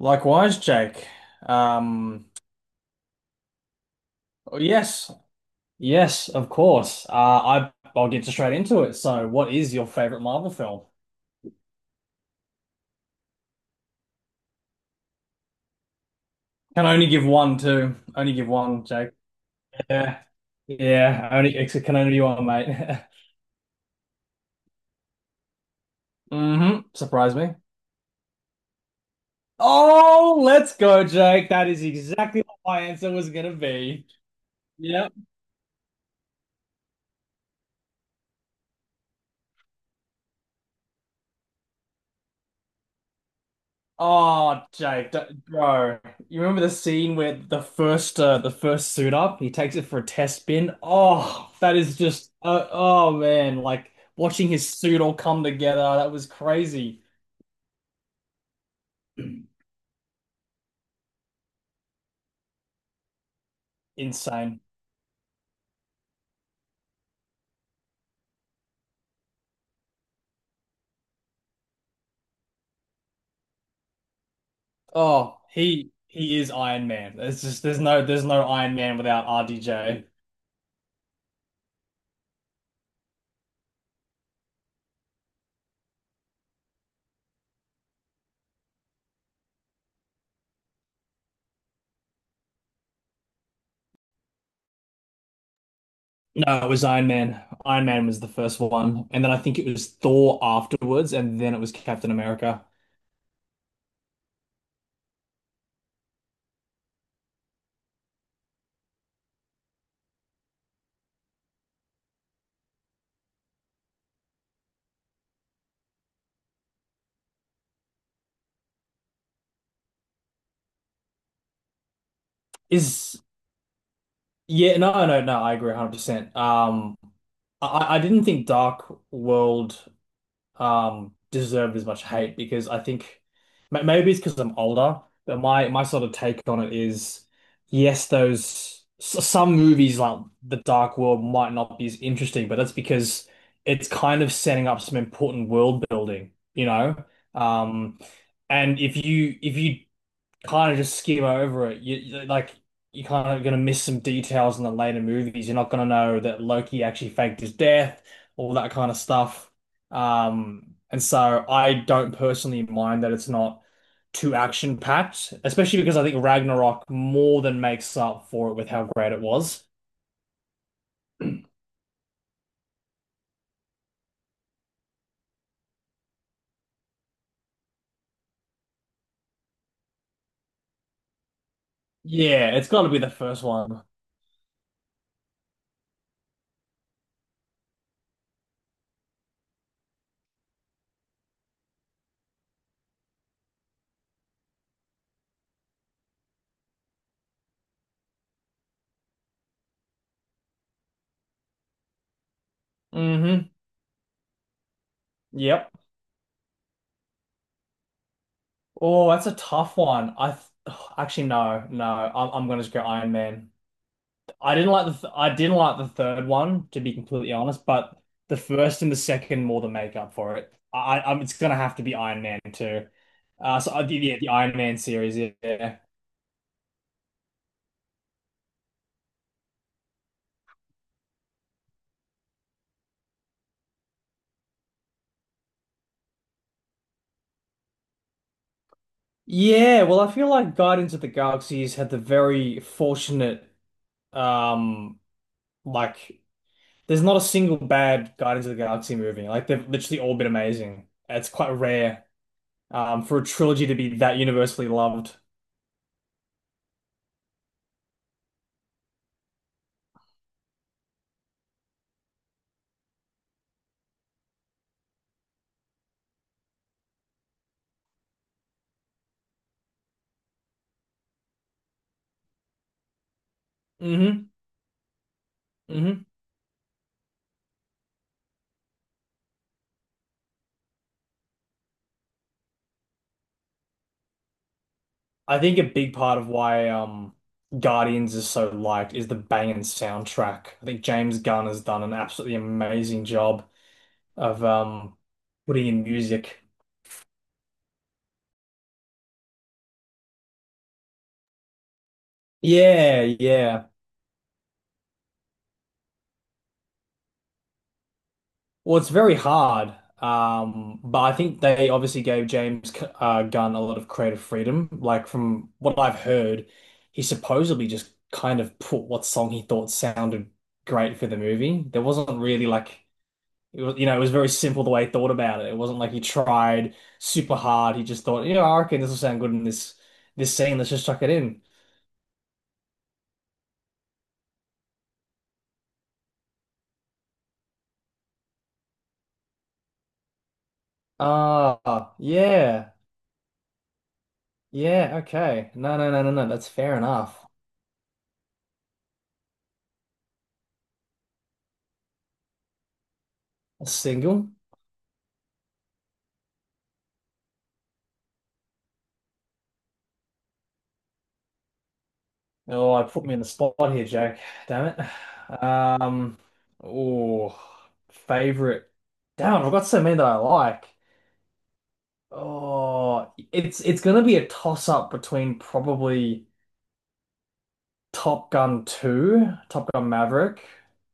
Likewise, Jake. Um, yes, yes, of course. I'll get straight into it. So, what is your favorite Marvel film? Can only give one, too. Only give one, Jake. Yeah, yeah. Only it can only be one, mate. Mm-hmm. Surprise me. Oh, let's go, Jake. That is exactly what my answer was gonna be. Yep. Oh, Jake, bro, you remember the scene where the first suit up, he takes it for a test bin. Oh, that is just oh man, like watching his suit all come together, that was crazy, insane. Oh, he is Iron Man. There's just there's no Iron Man without RDJ. No, it was Iron Man. Iron Man was the first one, and then I think it was Thor afterwards, and then it was Captain America. Is Yeah, no, no, no, I agree 100%. I didn't think Dark World deserved as much hate because I think maybe it's because I'm older, but my sort of take on it is yes, those some movies like The Dark World might not be as interesting, but that's because it's kind of setting up some important world building, you know? Um, and if you kind of just skim over it. Like you're kind of gonna miss some details in the later movies. You're not gonna know that Loki actually faked his death, all that kind of stuff. And so I don't personally mind that it's not too action packed, especially because I think Ragnarok more than makes up for it with how great it was. Yeah, it's got to be the first one. Hmm. Yep. Oh, that's a tough one. I th actually no, no. I'm gonna just go Iron Man. I didn't like the third one, to be completely honest, but the first and the second more than make up for it. I It's gonna have to be Iron Man 2. So I did Yeah, the Iron Man series, yeah. Yeah, well, I feel like Guardians of the Galaxies had the very fortunate, um, like there's not a single bad Guardians of the Galaxy movie. Like they've literally all been amazing. It's quite rare, for a trilogy to be that universally loved. Hmm. Hmm. I think a big part of why Guardians is so liked is the banging soundtrack. I think James Gunn has done an absolutely amazing job of putting in music. Yeah, yeah. Well, it's very hard. But I think they obviously gave James Gunn a lot of creative freedom. Like from what I've heard, he supposedly just kind of put what song he thought sounded great for the movie. There wasn't really like It was, you know, it was very simple the way he thought about it. It wasn't like he tried super hard. He just thought, you know, I reckon this will sound good in this scene. Let's just chuck it in. Ah, yeah, yeah, okay. No, no, no, no, no. That's fair enough. A single. Oh, I put me in the spot here, Jack. Damn it. Oh, favorite. Damn, I've got so many that I like. Oh, it's gonna be a toss up between probably. Top Gun 2, Top Gun Maverick,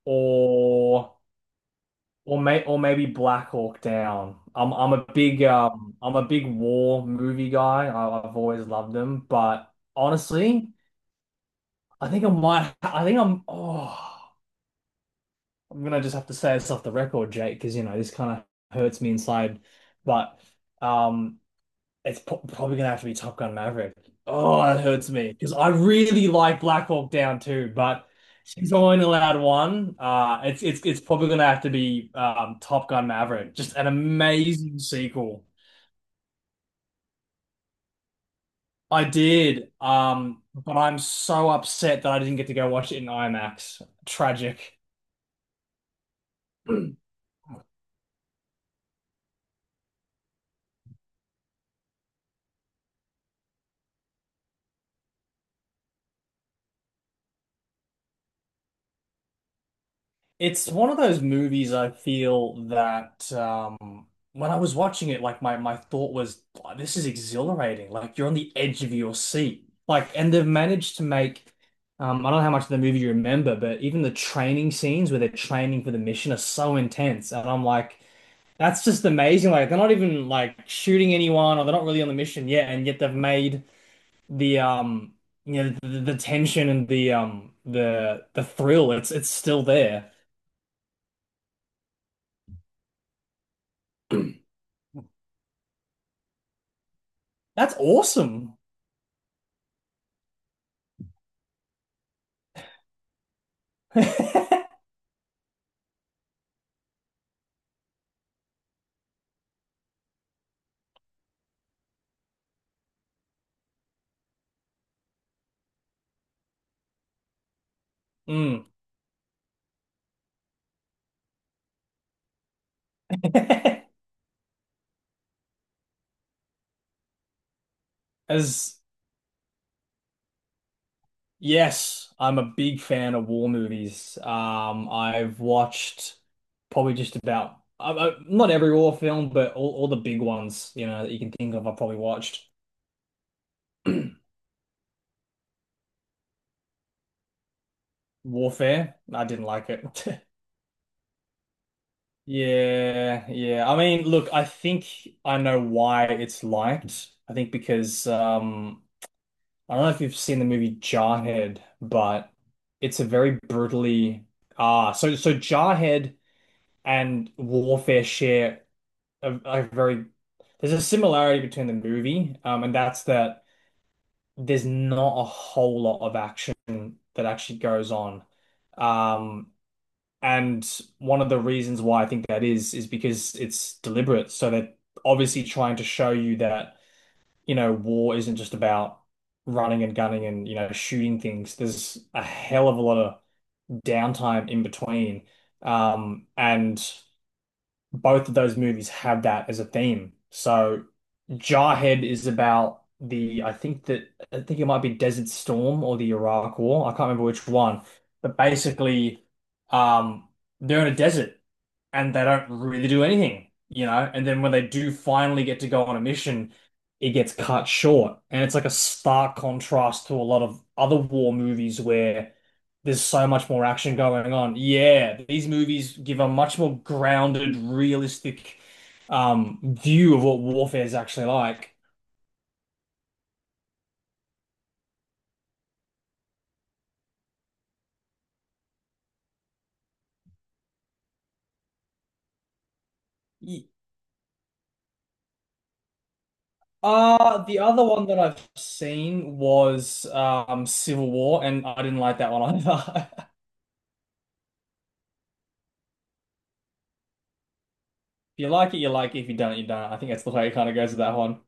or maybe Black Hawk Down. I'm a big war movie guy. I, I've always loved them, but honestly, I think I might I think I'm I'm gonna just have to say this off the record, Jake, because you know this kind of hurts me inside. But um it's probably gonna have to be Top Gun Maverick. Oh, that hurts me because I really like Black Hawk Down too, but she's only allowed one. It's it's probably gonna have to be Top Gun Maverick. Just an amazing sequel. I did, but I'm so upset that I didn't get to go watch it in IMAX. Tragic. It's one of those movies I feel that when I was watching it, like my thought was, "Wow, this is exhilarating. Like you're on the edge of your seat. Like, and they've managed to make, I don't know how much of the movie you remember, but even the training scenes where they're training for the mission are so intense. And I'm like, that's just amazing. Like they're not even like shooting anyone or they're not really on the mission yet, and yet they've made the you know the tension and the thrill, it's still there. That's awesome. Mm. As Yes, I'm a big fan of war movies. I've watched probably just about not every war film, but all the big ones, you know, that you can think of, I've probably watched. Warfare, I didn't like it. Yeah, yeah. I mean, look, I think I know why it's liked. I think because I don't know if you've seen the movie Jarhead, but it's a very brutally ah so so Jarhead and Warfare share a very there's a similarity between the movie, and that's that there's not a whole lot of action that actually goes on. Um, and one of the reasons why I think that is because it's deliberate, so they're obviously trying to show you that you know, war isn't just about running and gunning and, you know, shooting things. There's a hell of a lot of downtime in between. And both of those movies have that as a theme. So Jarhead is about the I think it might be Desert Storm or the Iraq War. I can't remember which one. But basically, um, they're in a desert and they don't really do anything, you know? And then when they do finally get to go on a mission, it gets cut short. And it's like a stark contrast to a lot of other war movies where there's so much more action going on. Yeah, these movies give a much more grounded, realistic view of what warfare is actually like. Y- the other one that I've seen was Civil War, and I didn't like that one either. If you like it, you like it. If you don't, you don't. I think that's the way it kind of goes with that one.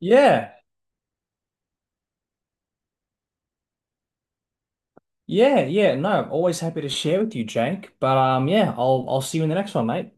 Yeah, yeah, yeah. No, I'm always happy to share with you, Jake. But yeah, I'll see you in the next one, mate.